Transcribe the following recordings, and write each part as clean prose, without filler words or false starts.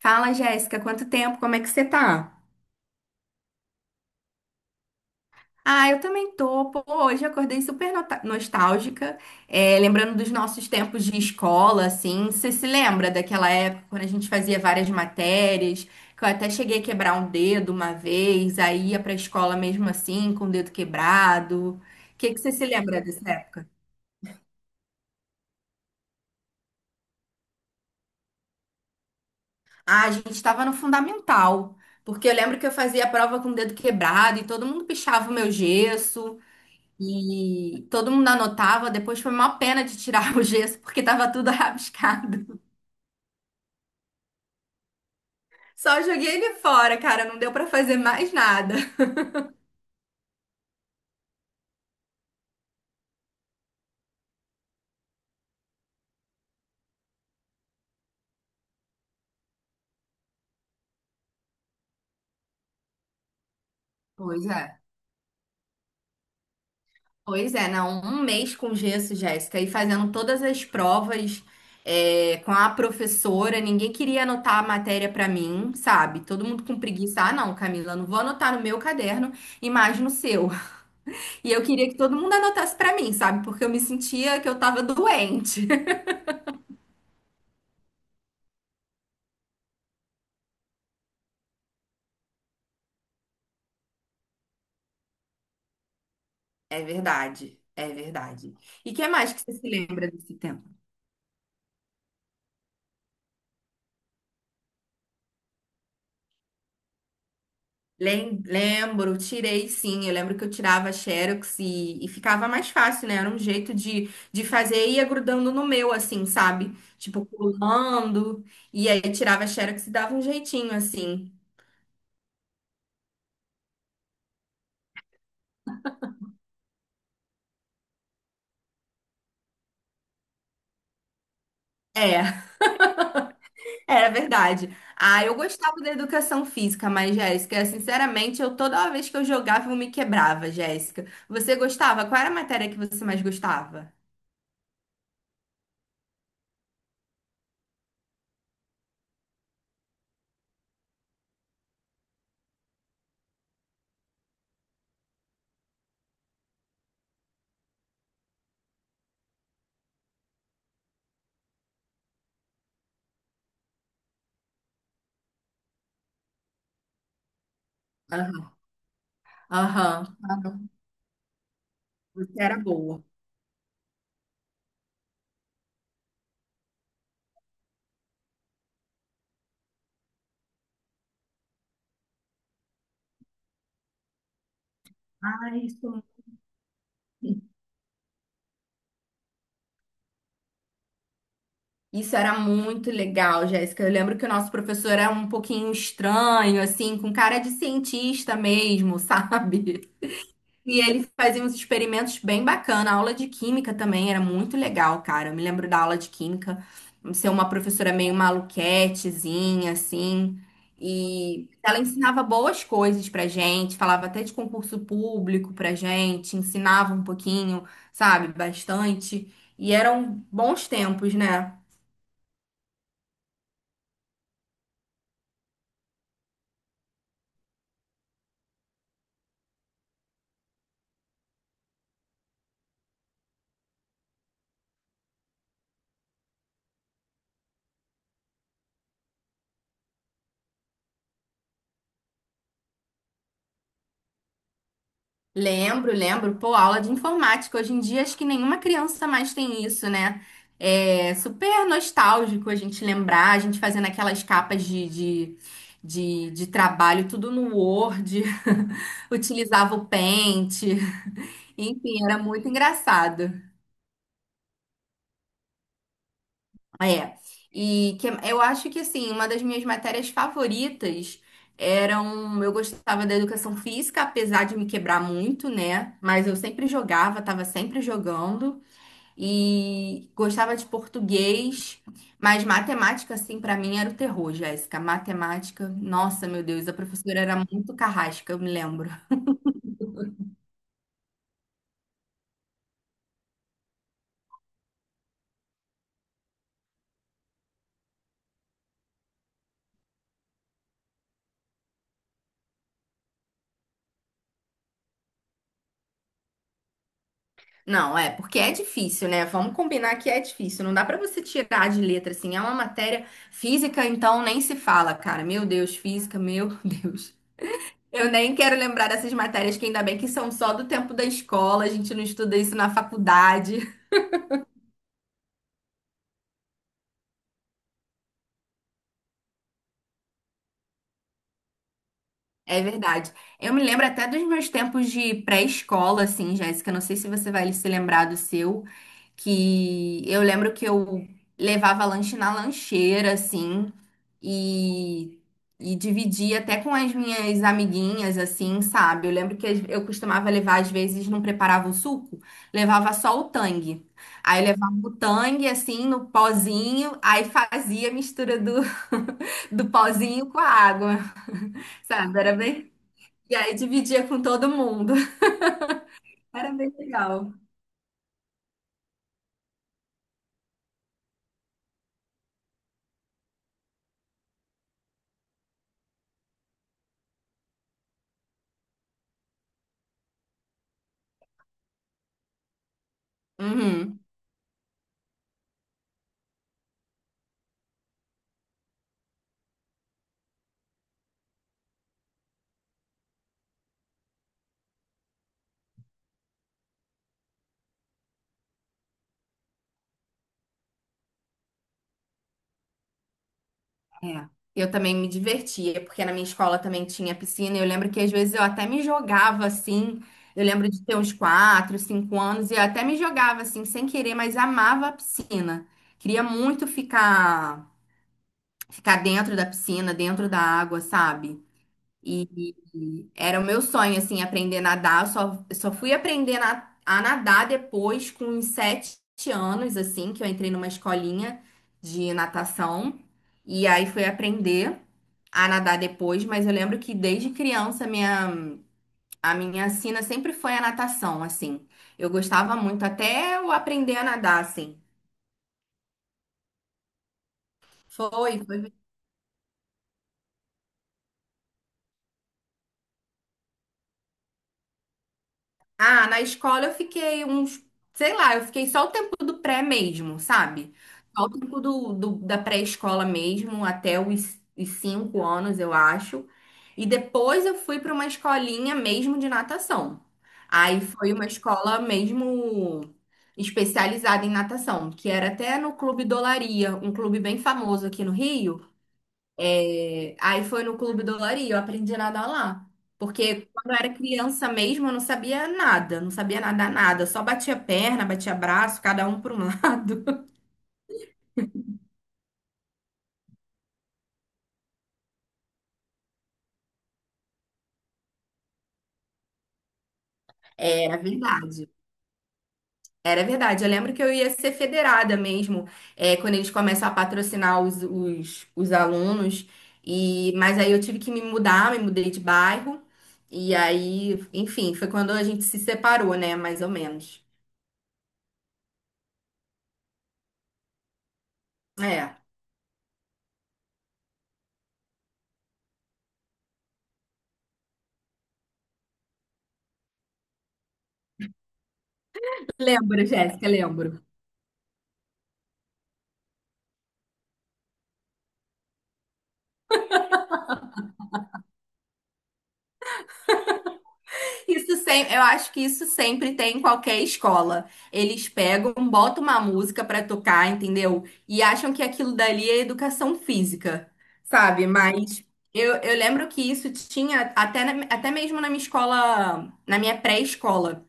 Fala, Jéssica, quanto tempo? Como é que você tá? Ah, eu também tô. Pô, hoje eu acordei super nostálgica, é, lembrando dos nossos tempos de escola, assim. Você se lembra daquela época quando a gente fazia várias matérias, que eu até cheguei a quebrar um dedo uma vez, aí ia pra escola mesmo assim, com o dedo quebrado. O que que você se lembra dessa época? Ah, a gente estava no fundamental, porque eu lembro que eu fazia a prova com o dedo quebrado e todo mundo pichava o meu gesso. E todo mundo anotava, depois foi uma pena de tirar o gesso, porque tava tudo rabiscado. Só joguei ele fora, cara, não deu pra fazer mais nada. Pois é. Pois é, não, um mês com gesso, Jéssica, e fazendo todas as provas é, com a professora, ninguém queria anotar a matéria pra mim, sabe? Todo mundo com preguiça. Ah, não, Camila, não vou anotar no meu caderno e mais no seu. E eu queria que todo mundo anotasse pra mim, sabe? Porque eu me sentia que eu tava doente. É verdade, é verdade. E que mais que você se lembra desse tempo? Lembro, tirei sim. Eu lembro que eu tirava Xerox e ficava mais fácil, né? Era um jeito de fazer e ia grudando no meu, assim, sabe? Tipo, pulando. E aí tirava Xerox e dava um jeitinho, assim. É, era verdade. Ah, eu gostava da educação física, mas, Jéssica, sinceramente, eu toda vez que eu jogava, eu me quebrava, Jéssica. Você gostava? Qual era a matéria que você mais gostava? Aham. Claro. Você era boa. Ah, isso. Isso era muito legal, Jéssica. Eu lembro que o nosso professor era um pouquinho estranho, assim, com cara de cientista mesmo, sabe? E ele fazia uns experimentos bem bacana. A aula de química também era muito legal, cara. Eu me lembro da aula de química ser uma professora meio maluquetezinha, assim. E ela ensinava boas coisas pra gente, falava até de concurso público pra gente, ensinava um pouquinho, sabe, bastante. E eram bons tempos, né? Lembro, lembro. Pô, aula de informática. Hoje em dia, acho que nenhuma criança mais tem isso, né? É super nostálgico a gente lembrar, a gente fazendo aquelas capas de trabalho, tudo no Word, utilizava o Paint. Enfim, era muito engraçado. É. E que, eu acho que, assim, uma das minhas matérias favoritas eram. Eu gostava da educação física, apesar de me quebrar muito, né? Mas eu sempre jogava, estava sempre jogando. E gostava de português, mas matemática, assim, pra mim era o terror, Jéssica. Matemática, nossa, meu Deus, a professora era muito carrasca, eu me lembro. Não, é, porque é difícil, né? Vamos combinar que é difícil, não dá pra você tirar de letra, assim, é uma matéria física, então nem se fala, cara. Meu Deus, física, meu Deus. Eu nem quero lembrar dessas matérias que ainda bem que são só do tempo da escola, a gente não estuda isso na faculdade. É verdade. Eu me lembro até dos meus tempos de pré-escola, assim, Jéssica. Não sei se você vai se lembrar do seu, que eu lembro que eu levava lanche na lancheira, assim, e, e dividia até com as minhas amiguinhas, assim, sabe? Eu lembro que eu costumava levar, às vezes, não preparava o suco, levava só o tang. Aí levava o tang, assim, no pozinho, aí fazia a mistura do, do pozinho com a água, sabe? Era bem e aí dividia com todo mundo. Era bem legal. Uhum. É. Eu também me divertia, porque na minha escola também tinha piscina. E eu lembro que às vezes eu até me jogava assim. Eu lembro de ter uns 4, 5 anos e eu até me jogava assim, sem querer, mas amava a piscina. Queria muito ficar dentro da piscina, dentro da água, sabe? E era o meu sonho, assim, aprender a nadar. Eu só fui aprender a nadar depois, com uns 7 anos, assim, que eu entrei numa escolinha de natação. E aí fui aprender a nadar depois, mas eu lembro que desde criança minha, a minha sina sempre foi a natação, assim. Eu gostava muito, até eu aprender a nadar, assim. Foi. Ah, na escola eu fiquei uns, sei lá, eu fiquei só o tempo do pré mesmo, sabe? Só o tempo do, da pré-escola mesmo, até os 5 anos, eu acho. E depois eu fui para uma escolinha mesmo de natação. Aí foi uma escola mesmo especializada em natação, que era até no Clube Dolaria, um clube bem famoso aqui no Rio. Aí foi no Clube do Lari, eu aprendi a nadar lá. Porque quando eu era criança mesmo, eu não sabia nada, não sabia nadar nada. Eu só batia perna, batia braço, cada um para um lado. Era verdade. Era verdade. Eu lembro que eu ia ser federada mesmo, é, quando eles começam a patrocinar os, os alunos. E, mas aí eu tive que me mudar, me mudei de bairro. E aí, enfim, foi quando a gente se separou, né? Mais ou menos. É. Lembro, Jéssica, lembro. Isso sempre, eu acho que isso sempre tem em qualquer escola. Eles pegam, botam uma música pra tocar, entendeu? E acham que aquilo dali é educação física, sabe? Mas eu lembro que isso tinha até, até mesmo na minha escola, na minha pré-escola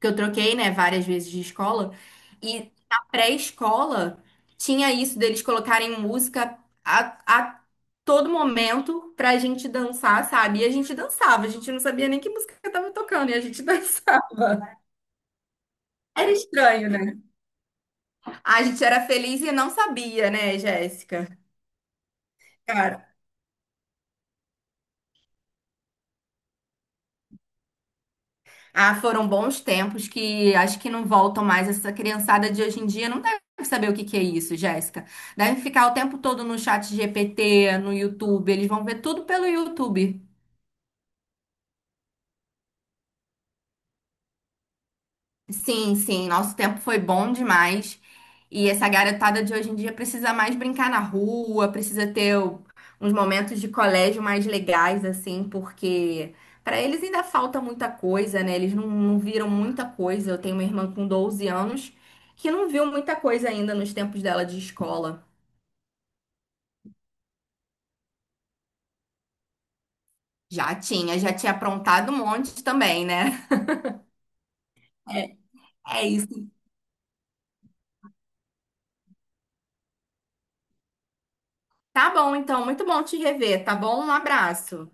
que eu troquei, né, várias vezes de escola, e na pré-escola tinha isso deles colocarem música a todo momento pra gente dançar, sabe? E a gente dançava, a gente não sabia nem que música tava tocando, e a gente dançava. Era estranho, né? A gente era feliz e não sabia, né, Jéssica? Cara. Ah, foram bons tempos que acho que não voltam mais. Essa criançada de hoje em dia não deve saber o que que é isso, Jéssica. Devem ficar o tempo todo no chat GPT, no YouTube. Eles vão ver tudo pelo YouTube. Sim, sim, nosso tempo foi bom demais. E essa garotada de hoje em dia precisa mais brincar na rua, precisa ter uns momentos de colégio mais legais, assim, porque para eles ainda falta muita coisa, né? Eles não viram muita coisa. Eu tenho uma irmã com 12 anos que não viu muita coisa ainda nos tempos dela de escola. Já tinha aprontado um monte também, né? É isso. Tá bom, então, muito bom te rever, tá bom? Um abraço.